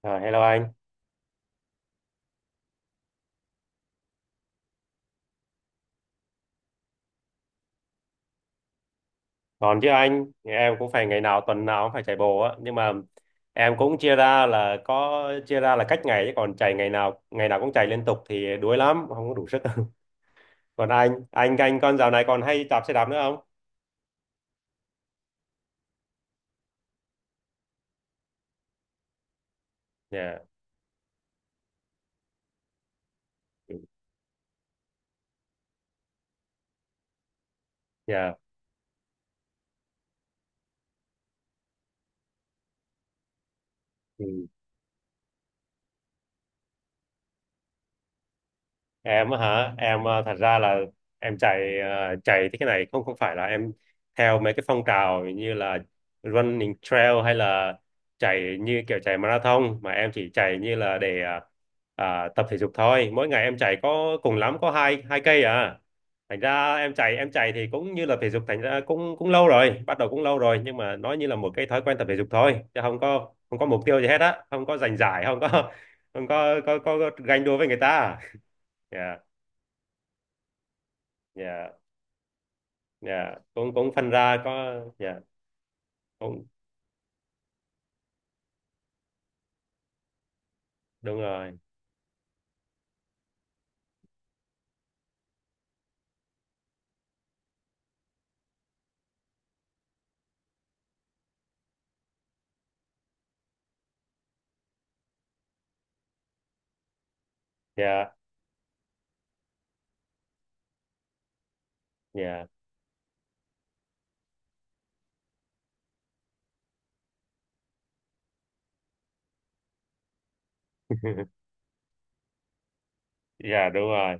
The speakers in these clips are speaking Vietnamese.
Ờ, Hello anh. Còn chứ anh, em cũng phải ngày nào tuần nào cũng phải chạy bộ á, nhưng mà em cũng chia ra là cách ngày chứ còn chạy ngày nào cũng chạy liên tục thì đuối lắm, không có đủ sức. Còn anh, anh con dạo này còn hay đạp xe đạp nữa không? Dạ, ừ, dạ. Ừ. Em á hả? Em thật ra là em chạy chạy thế cái này không không phải là em theo mấy cái phong trào như là running trail hay là chạy như kiểu chạy marathon, mà em chỉ chạy như là để tập thể dục thôi. Mỗi ngày em chạy có cùng lắm có hai hai cây à, thành ra em chạy thì cũng như là thể dục. Thành ra cũng cũng lâu rồi, nhưng mà nó như là một cái thói quen tập thể dục thôi, chứ không có mục tiêu gì hết á, không có giành giải, không có không có có ganh đua với người ta. À, dạ. dạ cũng cũng Phân ra có dạ, cũng đúng rồi. Dạ, dạ. Dạ đúng rồi.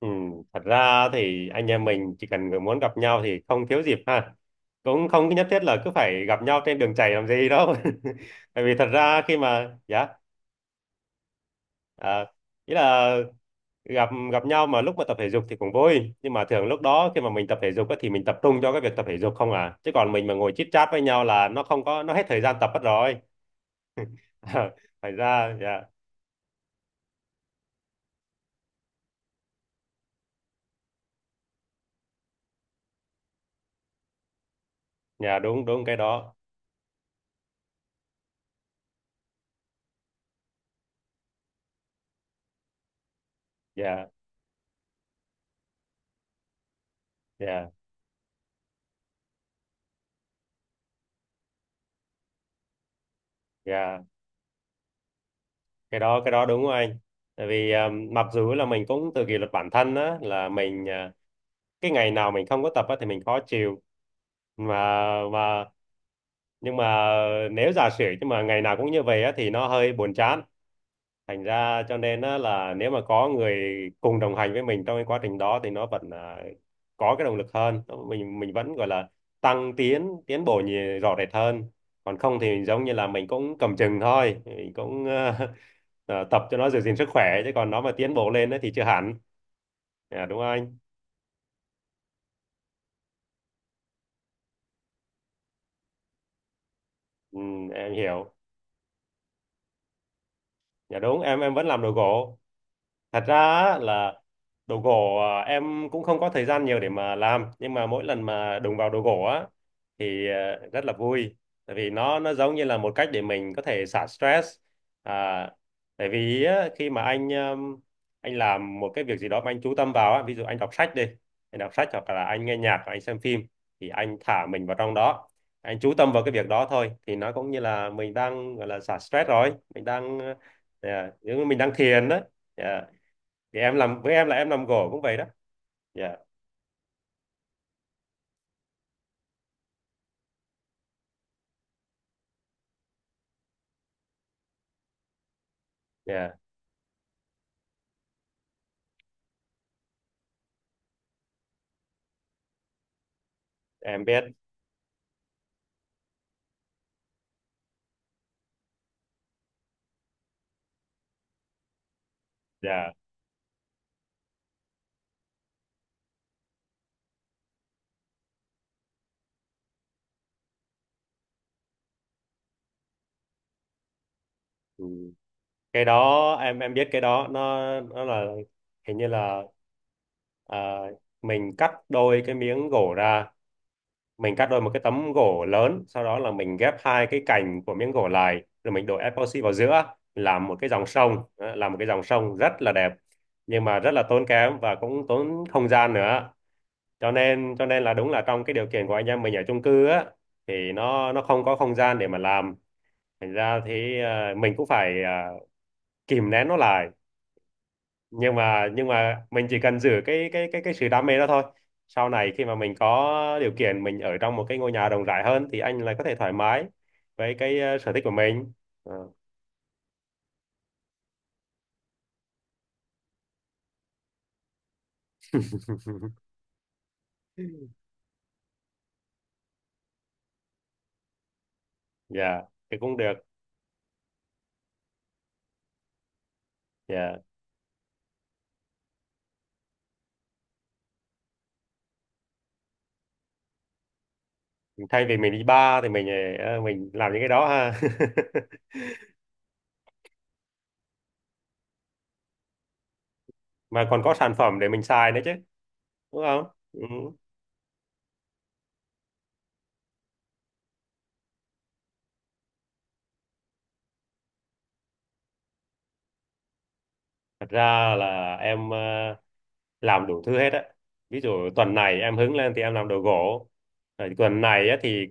Ừ. Thật ra thì anh em mình chỉ cần người muốn gặp nhau thì không thiếu dịp ha, cũng không nhất thiết là cứ phải gặp nhau trên đường chảy làm gì đâu. Tại vì thật ra khi mà dạ, à, ý là gặp gặp nhau mà lúc mà tập thể dục thì cũng vui, nhưng mà thường lúc đó khi mà mình tập thể dục á, thì mình tập trung cho cái việc tập thể dục không à, chứ còn mình mà ngồi chit chat với nhau là nó không có nó hết thời gian tập mất rồi. Ờ, Phải ra dạ. Dạ, đúng đúng cái đó. Dạ, dạ, dạ. Cái đó, đúng của anh. Tại vì à, mặc dù là mình cũng tự kỷ luật bản thân á, là mình à, cái ngày nào mình không có tập á, thì mình khó chịu, mà mà nhưng mà nếu giả sử nhưng mà ngày nào cũng như vậy á, thì nó hơi buồn chán, thành ra cho nên á, là nếu mà có người cùng đồng hành với mình trong cái quá trình đó thì nó vẫn à, có cái động lực hơn. Nó- mình vẫn gọi là tăng tiến, tiến bộ nhiều, rõ rệt hơn. Còn không thì mình giống như là mình cũng cầm chừng thôi, mình cũng tập cho nó giữ gìn sức khỏe, chứ còn nó mà tiến bộ lên á thì chưa hẳn. Dạ, đúng không anh? ừ, em hiểu. Dạ đúng, em vẫn làm đồ gỗ. Thật ra á, là đồ gỗ à, em cũng không có thời gian nhiều để mà làm, nhưng mà mỗi lần mà đụng vào đồ gỗ á, thì à, rất là vui. Tại vì nó giống như là một cách để mình có thể xả stress. À, tại vì á, khi mà anh làm một cái việc gì đó mà anh chú tâm vào á, ví dụ anh đọc sách đi, anh đọc sách hoặc là anh nghe nhạc hoặc anh xem phim, thì anh thả mình vào trong đó, anh chú tâm vào cái việc đó thôi, thì nó cũng như là mình đang gọi là xả stress rồi, mình đang à, giống như mình đang thiền đó. Thì em làm, với em là em làm gỗ cũng vậy đó. Dạ, dạ em biết dạ. Ừ. Cái đó em biết cái đó, nó là hình như là à, mình cắt đôi cái miếng gỗ ra, mình cắt đôi một cái tấm gỗ lớn, sau đó là mình ghép hai cái cành của miếng gỗ lại, rồi mình đổ epoxy vào giữa làm một cái dòng sông đó, làm một cái dòng sông rất là đẹp. Nhưng mà rất là tốn kém và cũng tốn không gian nữa, cho nên là đúng là trong cái điều kiện của anh em mình ở chung cư á, thì nó không có không gian để mà làm. Thành ra thì mình cũng phải kìm nén nó lại. Nhưng mà mình chỉ cần giữ cái sự đam mê đó thôi, sau này khi mà mình có điều kiện mình ở trong một cái ngôi nhà rộng rãi hơn, thì anh lại có thể thoải mái với cái sở thích của mình. Ờ. Dạ thì cũng được. Dạ, thay vì mình đi bar thì mình mình làm những cái đó ha. Mà còn có sản phẩm để mình xài nữa chứ, đúng không? Ừ. Thật ra là em làm đủ thứ hết á. Ví dụ tuần này em hứng lên thì em làm đồ gỗ. Rồi tuần này á, thì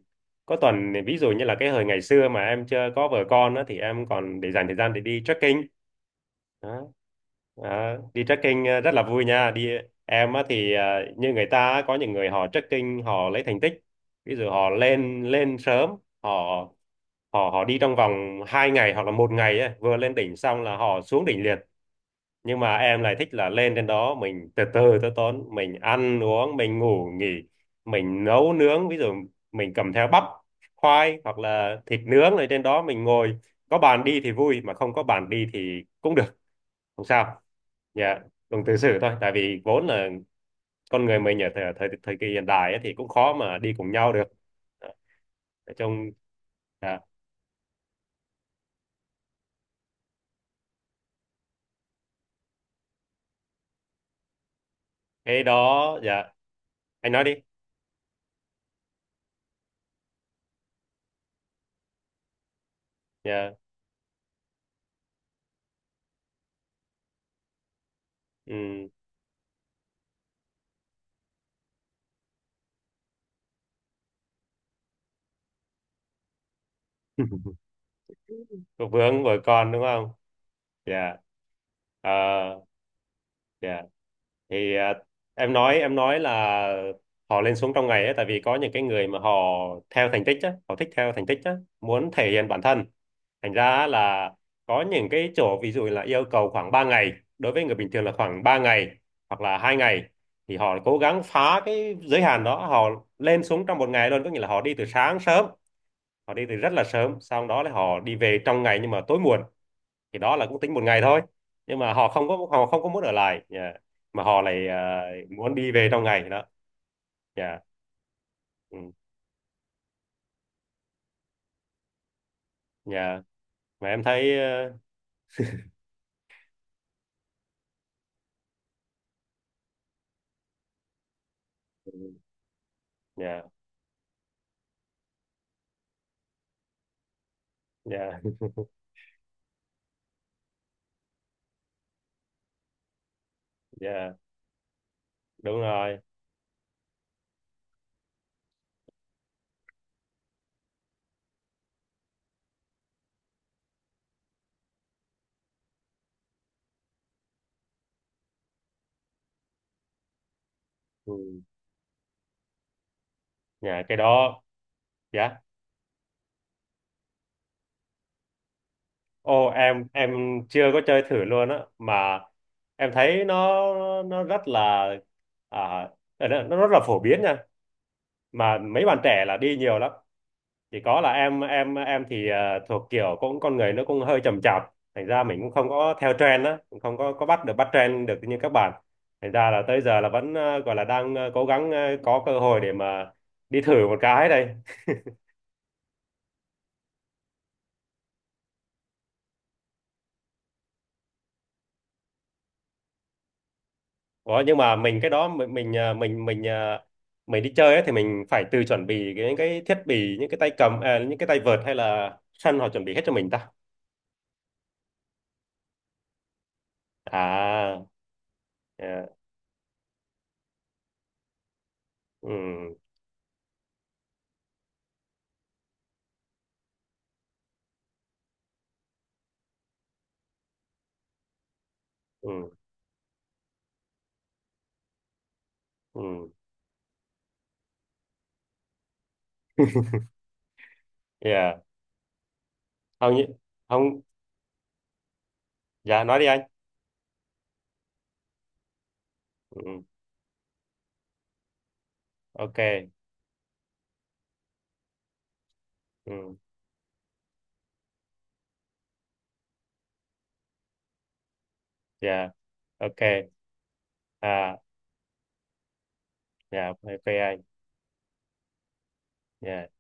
có tuần thì ví dụ như là cái hồi ngày xưa mà em chưa có vợ con á, thì em còn để dành thời gian để đi trekking. Đó. Đó. Đi trekking rất là vui nha. Đi em á, thì như người ta á, có những người họ trekking họ lấy thành tích. Ví dụ họ lên lên sớm, họ họ họ đi trong vòng 2 ngày hoặc là một ngày á, vừa lên đỉnh xong là họ xuống đỉnh liền, nhưng mà em lại thích là lên trên đó mình từ từ tới tốn, mình ăn uống, mình ngủ nghỉ, mình nấu nướng. Ví dụ mình cầm theo bắp, khoai hoặc là thịt nướng, ở trên đó mình ngồi có bàn đi thì vui, mà không có bàn đi thì cũng được, không sao. Dạ, cùng tự xử thôi, tại vì vốn là con người mình ở thời thời, thời kỳ hiện đại ấy, thì cũng khó mà đi cùng nhau được. Đó, nói chung. Dạ cái đó. Dạ anh nói đi. Dạ. Ừ. Có vướng vợ con đúng không? Dạ. Ờ, dạ. Thì à, em nói là họ lên xuống trong ngày ấy, tại vì có những cái người mà họ theo thành tích á, họ thích theo thành tích á, muốn thể hiện bản thân. Thành ra á, là có những cái chỗ ví dụ là yêu cầu khoảng 3 ngày, đối với người bình thường là khoảng 3 ngày hoặc là hai ngày, thì họ cố gắng phá cái giới hạn đó, họ lên xuống trong một ngày luôn, có nghĩa là họ đi từ sáng sớm, họ đi từ rất là sớm, sau đó là họ đi về trong ngày nhưng mà tối muộn, thì đó là cũng tính một ngày thôi. Nhưng mà họ không có muốn ở lại nhà, mà họ lại à, muốn đi về trong ngày đó nhà. Ừ. Nhà, mà em thấy nhà, nhà nhà đúng rồi. Ừ. Nhà cái đó dạ. Ô em chưa có chơi thử luôn á, mà em thấy nó rất là à, nó rất là phổ biến nha. Mà mấy bạn trẻ là đi nhiều lắm. Chỉ có là em thì thuộc kiểu cũng con người nó cũng hơi chậm chạp, thành ra mình cũng không có theo trend á, cũng không có bắt được, bắt trend được như các bạn. Thành ra là tới giờ là vẫn gọi là đang cố gắng có cơ hội để mà đi thử một cái đây. Ủa, nhưng mà mình cái đó mình mình đi chơi ấy, thì mình phải tự chuẩn bị cái- những cái thiết bị, những cái tay cầm à, những cái tay vợt, hay là sân họ chuẩn bị hết cho mình ta? À, yeah. Ừ. Ừ. Ừ. Yeah. Không như, không. Dạ nói đi anh. Ừ, ok. Ừ, dạ ok. À dạ ok anh. Dạ.